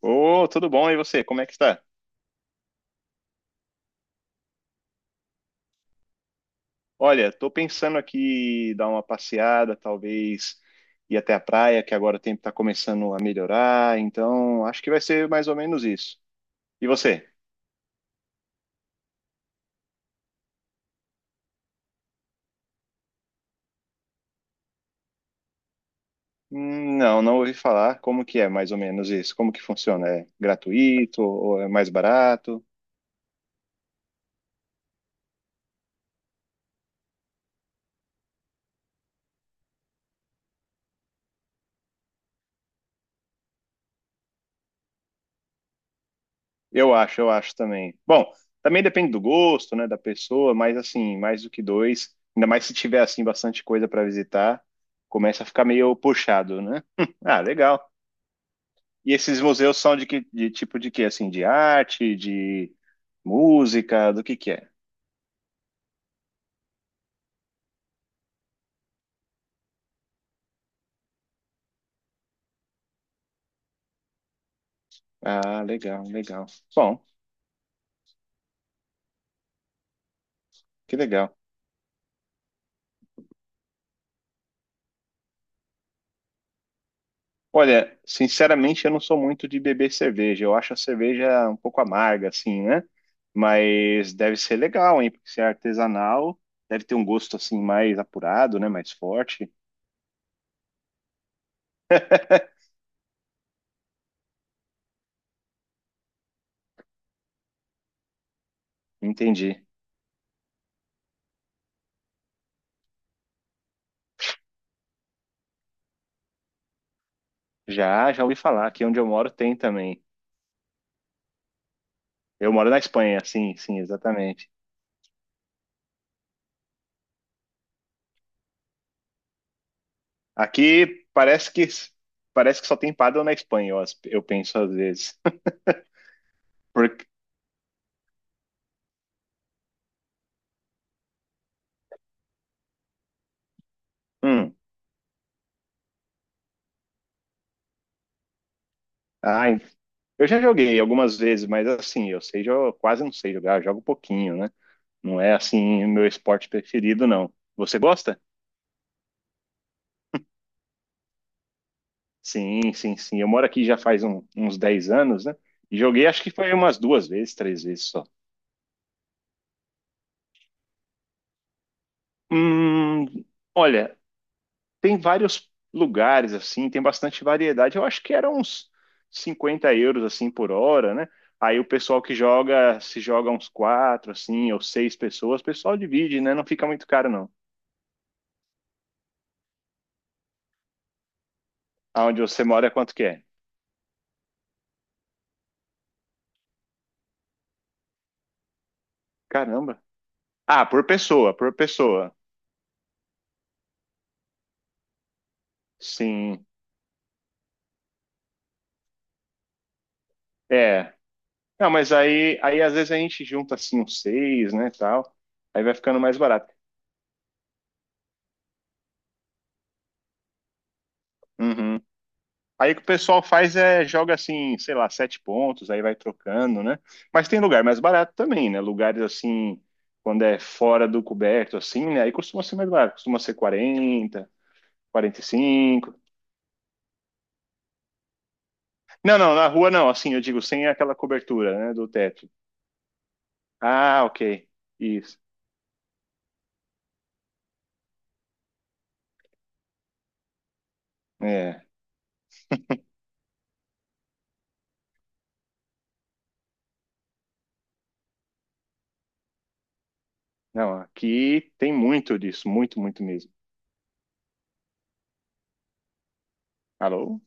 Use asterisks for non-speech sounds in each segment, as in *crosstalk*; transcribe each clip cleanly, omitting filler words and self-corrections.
Ô, tudo bom? E você, como é que está? Olha, tô pensando aqui dar uma passeada, talvez ir até a praia, que agora o tempo está começando a melhorar, então acho que vai ser mais ou menos isso. E você? Não, não ouvi falar. Como que é mais ou menos isso? Como que funciona? É gratuito ou é mais barato? Eu acho também. Bom, também depende do gosto, né, da pessoa, mas assim, mais do que dois, ainda mais se tiver assim bastante coisa para visitar, começa a ficar meio puxado, né? *laughs* Ah, legal. E esses museus são de que de tipo de quê? Assim, de arte, de música, do que é? Ah, legal, legal. Bom, que legal. Olha, sinceramente, eu não sou muito de beber cerveja. Eu acho a cerveja um pouco amarga, assim, né? Mas deve ser legal, hein? Porque se é artesanal, deve ter um gosto assim mais apurado, né? Mais forte. Entendi. Já, já ouvi falar. Aqui onde eu moro tem também. Eu moro na Espanha, sim, sim, exatamente. Aqui parece que só tem paddle na Espanha, eu penso às vezes. *laughs* Porque, hum, ai, eu já joguei algumas vezes, mas assim, eu sei, eu quase não sei jogar, eu jogo pouquinho, né? Não é assim o meu esporte preferido, não. Você gosta? Sim, sim, sim. Eu moro aqui já faz uns 10 anos, né? E joguei acho que foi umas duas vezes, três vezes só. Hum, olha, tem vários lugares assim, tem bastante variedade. Eu acho que era uns 50 euros assim por hora, né? Aí o pessoal que joga, se joga uns quatro assim, ou seis pessoas, o pessoal divide, né? Não fica muito caro não. Aonde você mora, quanto que é? Caramba. Ah, por pessoa, por pessoa. Sim. É. Não, mas aí, aí às vezes a gente junta assim uns seis, né, tal. Aí vai ficando mais barato. Uhum. Aí o que o pessoal faz é joga assim, sei lá, sete pontos, aí vai trocando, né? Mas tem lugar mais barato também, né? Lugares assim, quando é fora do coberto, assim, né? Aí costuma ser mais barato, costuma ser 40, 45. Não, não, na rua não, assim, eu digo, sem aquela cobertura, né, do teto. Ah, ok, isso. É, não, aqui tem muito disso, muito, muito mesmo. Alô?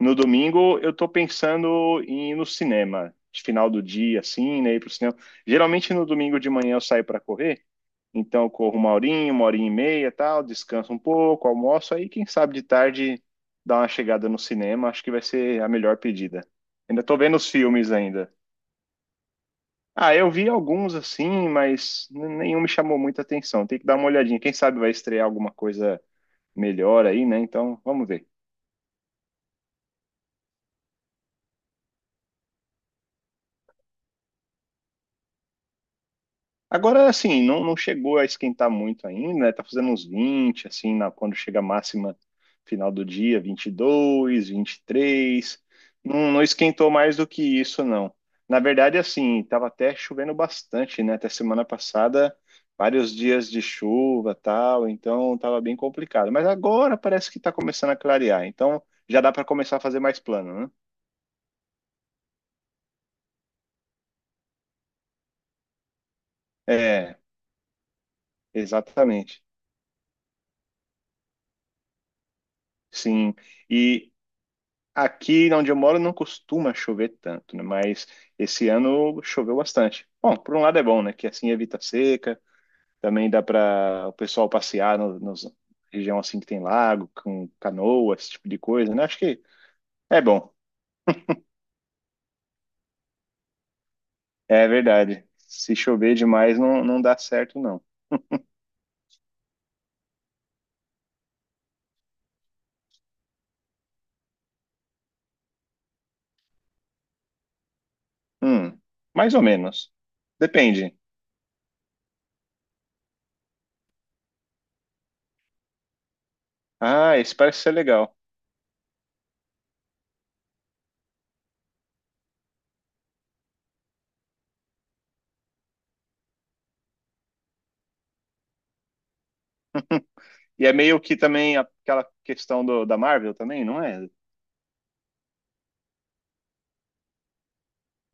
No domingo eu tô pensando em ir no cinema, de final do dia, assim, né? Ir pro cinema. Geralmente no domingo de manhã eu saio para correr, então eu corro uma horinha e meia, tal, descanso um pouco, almoço, aí quem sabe de tarde dar uma chegada no cinema, acho que vai ser a melhor pedida. Ainda tô vendo os filmes ainda. Ah, eu vi alguns assim, mas nenhum me chamou muita atenção. Tem que dar uma olhadinha. Quem sabe vai estrear alguma coisa melhor aí, né? Então, vamos ver. Agora, assim, não, não chegou a esquentar muito ainda, né? Tá fazendo uns 20 assim, na, quando chega a máxima final do dia, 22, 23. Não, não esquentou mais do que isso, não. Na verdade, assim, tava até chovendo bastante, né? Até semana passada, vários dias de chuva, tal, então tava bem complicado. Mas agora parece que tá começando a clarear, então já dá para começar a fazer mais plano, né? É, exatamente. Sim. e Aqui onde eu moro não costuma chover tanto, né? Mas esse ano choveu bastante. Bom, por um lado é bom, né? Que assim evita seca, também dá para o pessoal passear no, nos região assim que tem lago, com canoa, esse tipo de coisa, né? Acho que é bom. É verdade. Se chover demais não, não dá certo, não. Hum, mais ou menos. Depende. Ah, esse parece ser legal. *laughs* E é meio que também aquela questão da Marvel também, não é?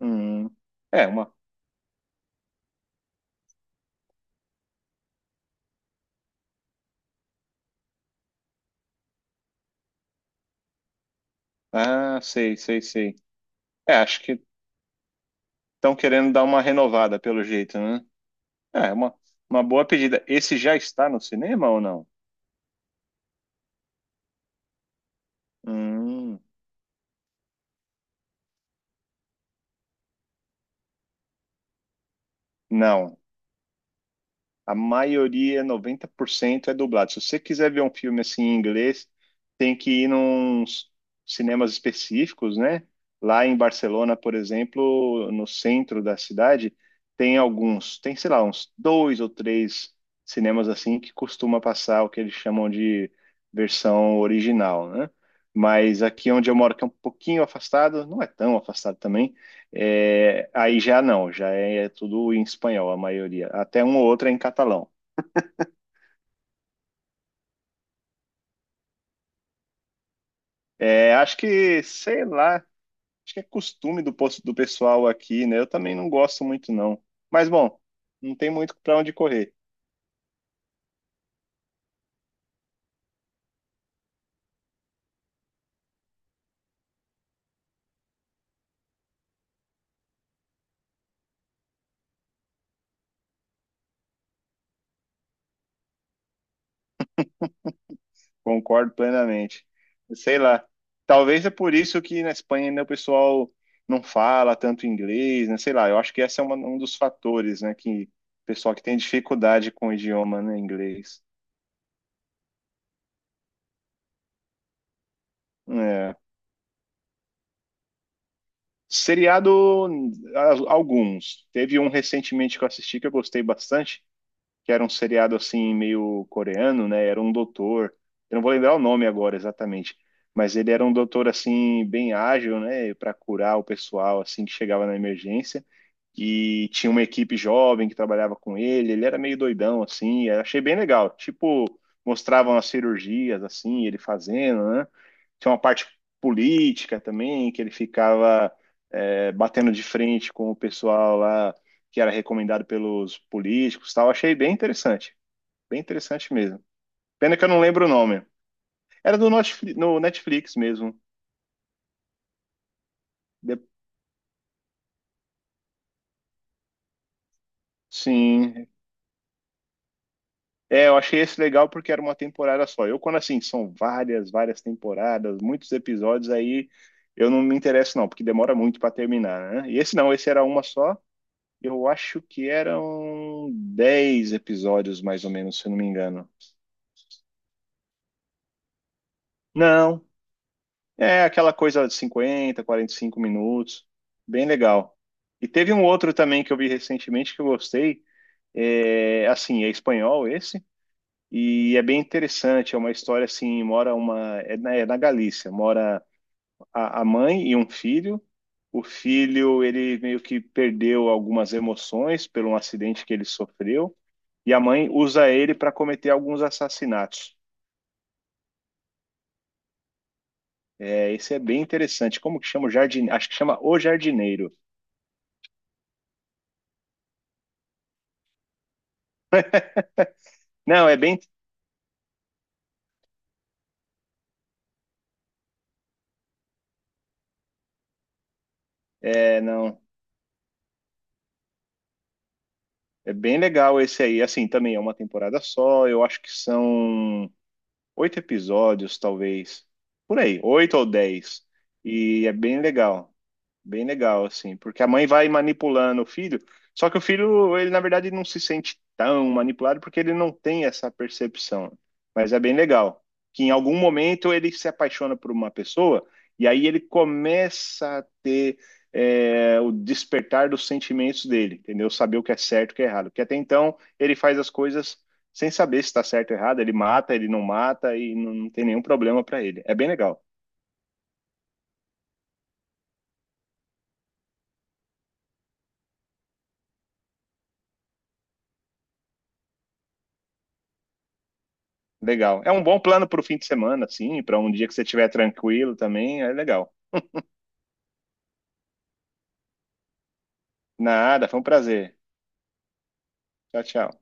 Hum, é, uma Ah, sei, sei, sei. É, acho que estão querendo dar uma renovada pelo jeito, né? É, uma boa pedida. Esse já está no cinema ou não? Hum, não. A maioria, 90%, é dublado. Se você quiser ver um filme assim em inglês, tem que ir nos cinemas específicos, né? Lá em Barcelona, por exemplo, no centro da cidade, tem alguns, tem, sei lá, uns dois ou três cinemas assim que costuma passar o que eles chamam de versão original, né? Mas aqui onde eu moro, que é um pouquinho afastado, não é tão afastado também, aí já não, já é tudo em espanhol, a maioria. Até um ou outro é em catalão. É, acho que, sei lá, acho que é costume do pessoal aqui, né? Eu também não gosto muito, não. Mas, bom, não tem muito para onde correr. Concordo plenamente. Sei lá. Talvez é por isso que na Espanha ainda o pessoal não fala tanto inglês, né? Sei lá, eu acho que esse é um dos fatores, né? Que o pessoal que tem dificuldade com o idioma, né? Inglês. É. Seriado, alguns. Teve um recentemente que eu assisti que eu gostei bastante, que era um seriado assim meio coreano, né? Era um doutor. Eu não vou lembrar o nome agora exatamente, mas ele era um doutor assim bem ágil, né, para curar o pessoal assim que chegava na emergência. E tinha uma equipe jovem que trabalhava com ele. Ele era meio doidão assim, eu achei bem legal. Tipo, mostravam as cirurgias assim, ele fazendo, né? Tinha uma parte política também, que ele ficava batendo de frente com o pessoal lá que era recomendado pelos políticos, e tal. Achei bem interessante mesmo. Pena que eu não lembro o nome. Era do no Netflix mesmo. De- Sim, é, eu achei esse legal porque era uma temporada só. Eu, quando assim, são várias, várias temporadas, muitos episódios, aí eu não me interesso, não, porque demora muito para terminar, né? E esse não, esse era uma só. Eu acho que eram 10 episódios, mais ou menos, se eu não me engano. Não, é aquela coisa de 50, 45 minutos. Bem legal. E teve um outro também que eu vi recentemente que eu gostei. É, assim, é espanhol esse. E é bem interessante. É uma história assim: mora uma. É na Galícia. Mora a mãe e um filho. O filho, ele meio que perdeu algumas emoções por um acidente que ele sofreu. E a mãe usa ele para cometer alguns assassinatos. É, esse é bem interessante. Como que chama o jardineiro? Acho que chama O Jardineiro. Não, é bem. É, não. É bem legal esse aí. Assim, também é uma temporada só. Eu acho que são oito episódios, talvez. Por aí, oito ou 10. E é bem legal. Bem legal, assim, porque a mãe vai manipulando o filho, só que o filho, ele na verdade não se sente tão manipulado porque ele não tem essa percepção. Mas é bem legal que em algum momento ele se apaixona por uma pessoa e aí ele começa a ter o despertar dos sentimentos dele, entendeu? Saber o que é certo e o que é errado. Porque até então ele faz as coisas sem saber se está certo ou errado, ele mata, ele não mata e não, não tem nenhum problema para ele. É bem legal. Legal. É um bom plano para o fim de semana, sim, para um dia que você estiver tranquilo também, é legal. Nada, foi um prazer. Tchau, tchau.